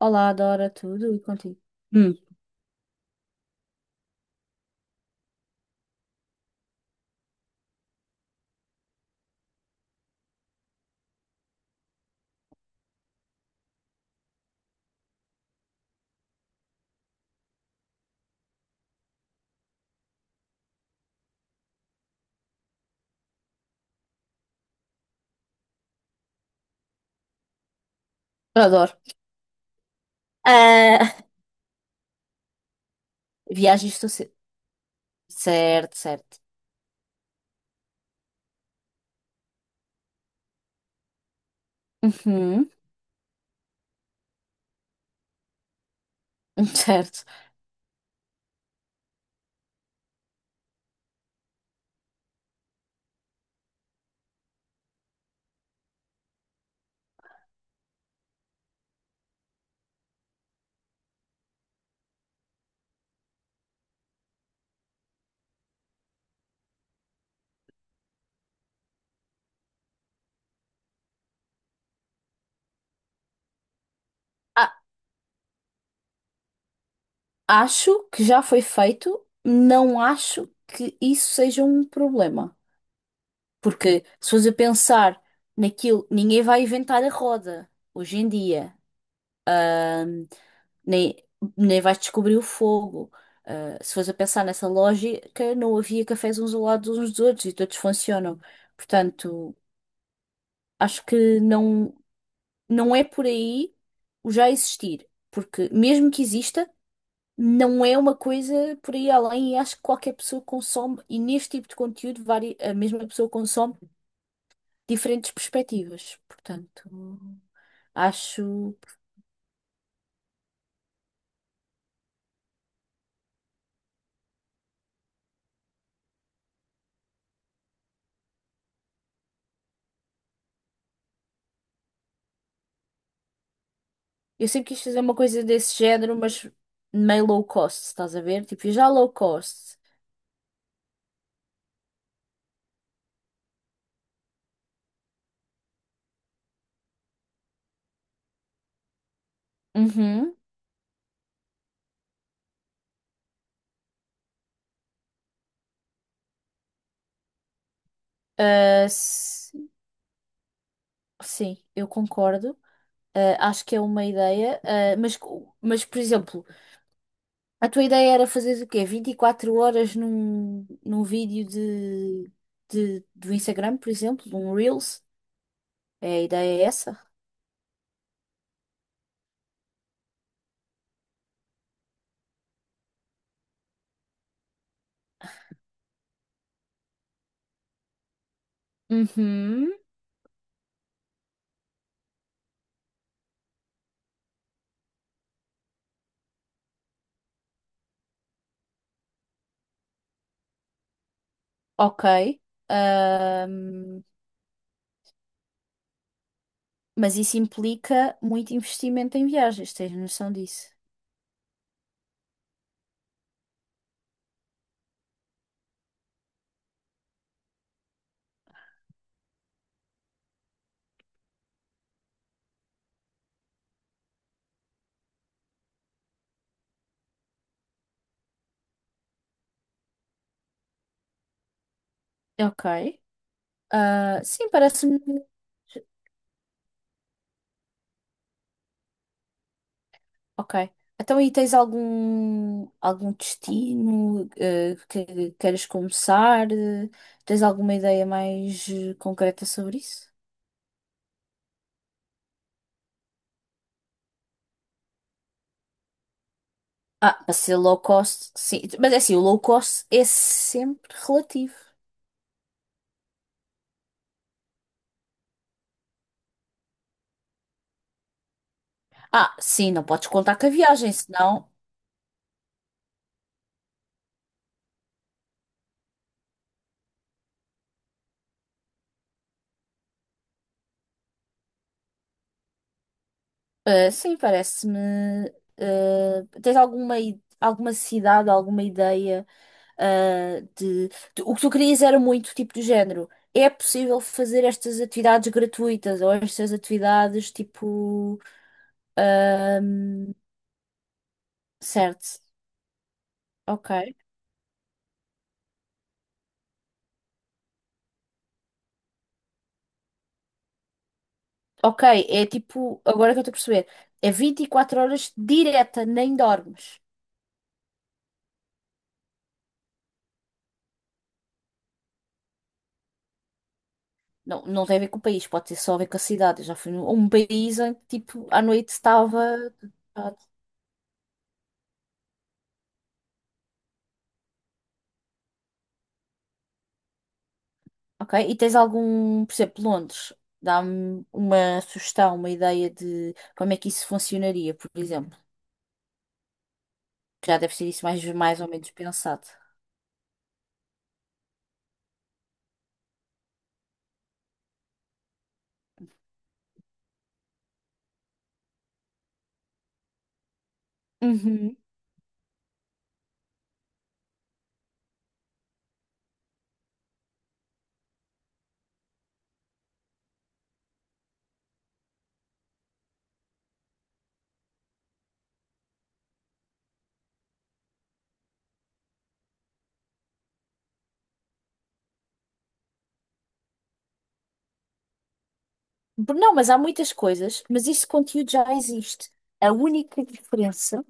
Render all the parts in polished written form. Olá, Dora, tudo e contigo? Hum. Adoro. Ah, viagens do ce- Certo, certo. Uhum, certo. A- Acho que já foi feito, não acho que isso seja um problema. Porque se fores a pensar naquilo, ninguém vai inventar a roda hoje em dia. Ahm, Nem, nem vais descobrir o fogo. Ah, se fores a pensar nessa lógica, não havia cafés uns ao lado uns dos outros e todos funcionam. Portanto. Acho que não, não é por aí o já existir, porque mesmo que exista, não é uma coisa por aí além e acho que qualquer pessoa consome, e neste tipo de conteúdo, a mesma pessoa consome diferentes perspectivas. Portanto, acho. Eu sempre quis fazer uma coisa desse género, mas meio low cost, estás a ver? Tipo, já low cost. Uhum. Ah, sim, eu concordo. Ah, acho que é uma ideia, mas por exemplo. A tua ideia era fazer o quê? 24 horas num vídeo do Instagram, por exemplo, um Reels? É, a ideia é essa? Uhum. Ok. Ahm, mas isso implica muito investimento em viagens, tens noção disso? Ok. Ah, sim, parece-me. Ok. Então, e tens algum destino que queiras começar? Tens alguma ideia mais concreta sobre isso? Ah, para ser low cost, sim. Mas é assim, o low cost é sempre relativo. Ah, sim, não podes contar com a viagem, senão. Ah, sim, parece-me. Ah, tens alguma cidade, alguma ideia. ah, de, O que tu querias era muito tipo do género. É possível fazer estas atividades gratuitas ou estas atividades tipo. ahm, Certo, ok. Ok, é tipo, agora é que eu estou a perceber, é 24 horas direta, nem dormes. Não, não tem a ver com o país, pode ter só a ver com a cidade. Eu já fui num país em que, tipo, à noite estava. Ok, e tens algum, por exemplo, Londres, dá-me uma sugestão, uma ideia de como é que isso funcionaria, por exemplo. Já deve ser isso mais ou menos pensado. Uhum. Não, mas há muitas coisas, mas esse conteúdo já existe. A única diferença.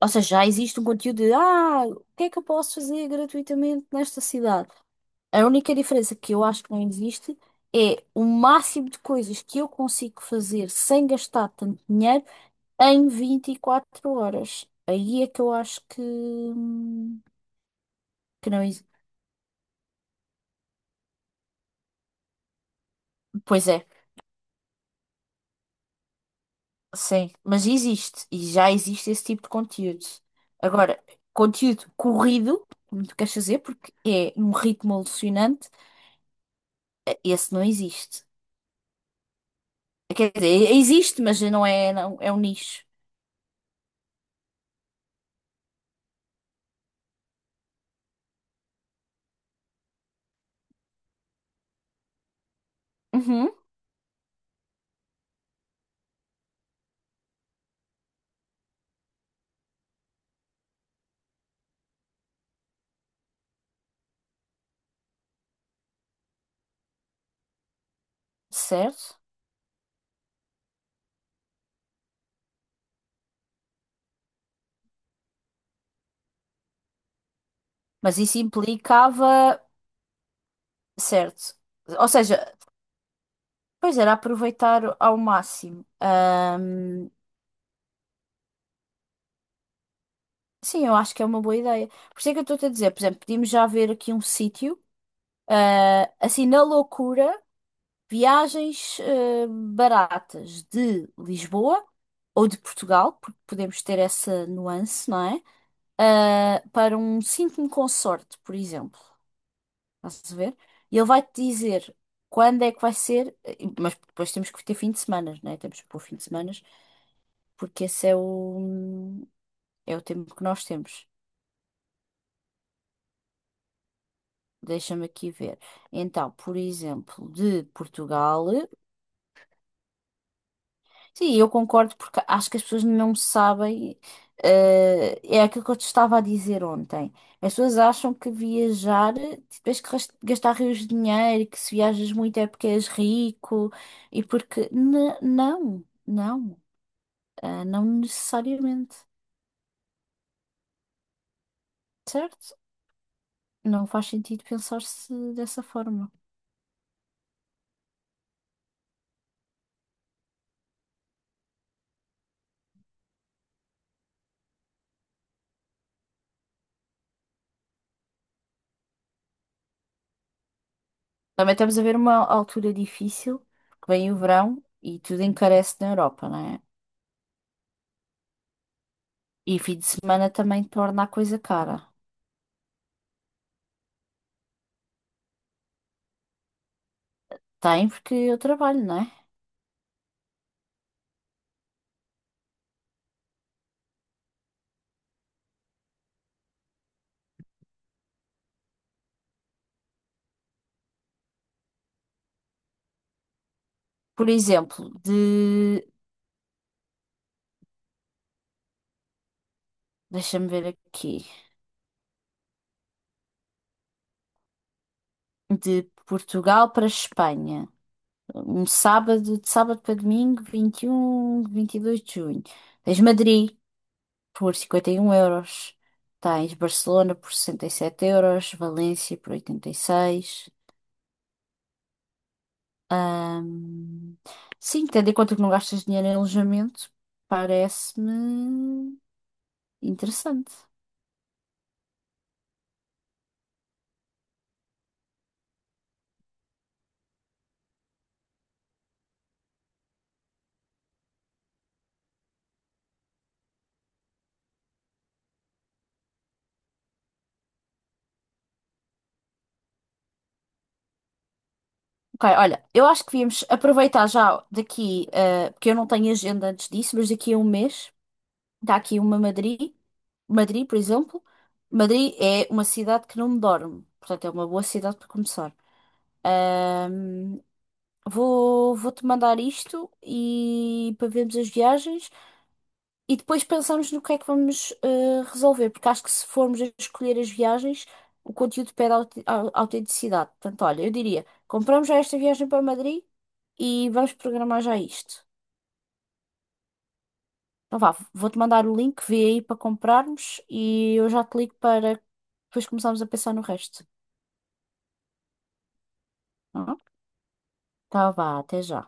Ou seja, já existe um conteúdo de o que é que eu posso fazer gratuitamente nesta cidade? A única diferença que eu acho que não existe é o máximo de coisas que eu consigo fazer sem gastar tanto dinheiro em 24 horas. Aí é que eu acho que não existe. Pois é, sim, mas existe e já existe esse tipo de conteúdo. Agora, conteúdo corrido, como tu queres fazer, porque é num ritmo alucinante, esse não existe. Quer dizer, existe, mas não é, não, é um nicho. Uhum. Certo? Mas isso implicava, certo? Ou seja, pois era aproveitar ao máximo. Sim, eu acho que é uma boa ideia. Por isso é que eu estou-te a dizer, por exemplo, podíamos já ver aqui um sítio, assim, na loucura, viagens, baratas de Lisboa ou de Portugal, porque podemos ter essa nuance, não é? Ah, para um sítio consorte, por exemplo. Estás a ver? E ele vai-te dizer quando é que vai ser, mas depois temos que ter fim de semana, né? Temos que pôr fim de semana, porque esse é o tempo que nós temos. Deixa-me aqui ver. Então, por exemplo, de Portugal. Sim, eu concordo porque acho que as pessoas não sabem. É aquilo que eu te estava a dizer ontem. As pessoas acham que viajar, tipo, tens que gastar rios de dinheiro, que se viajas muito é porque és rico e porque. Não, não, ah, não necessariamente, certo? Não faz sentido pensar-se dessa forma. Também estamos a ver uma altura difícil, que vem o verão e tudo encarece na Europa, não é? E fim de semana também torna a coisa cara. Tem, porque eu trabalho, não é? Por exemplo, de. Deixa-me ver aqui. De Portugal para Espanha. Um sábado, de sábado para domingo, 21, 22 de junho. Tens Madrid por 51 euros. Tens Barcelona por 67 euros. Valência por 86. Ahm, Sim, tendo em conta que não gastas dinheiro em alojamento, parece-me interessante. Ok, olha, eu acho que devíamos aproveitar já daqui, porque eu não tenho agenda antes disso, mas daqui a um mês está aqui uma Madrid, por exemplo. Madrid é uma cidade que não dorme, portanto é uma boa cidade para começar. Vou-te mandar isto e para vermos as viagens. E depois pensamos no que é que vamos resolver, porque acho que se formos a escolher as viagens, o conteúdo pede autenticidade. Portanto, olha, eu diria, compramos já esta viagem para Madrid e vamos programar já isto. Então vá, vou-te mandar o link, vê aí para comprarmos e eu já te ligo para depois começarmos a pensar no resto. Tá bom? Então vá, até já.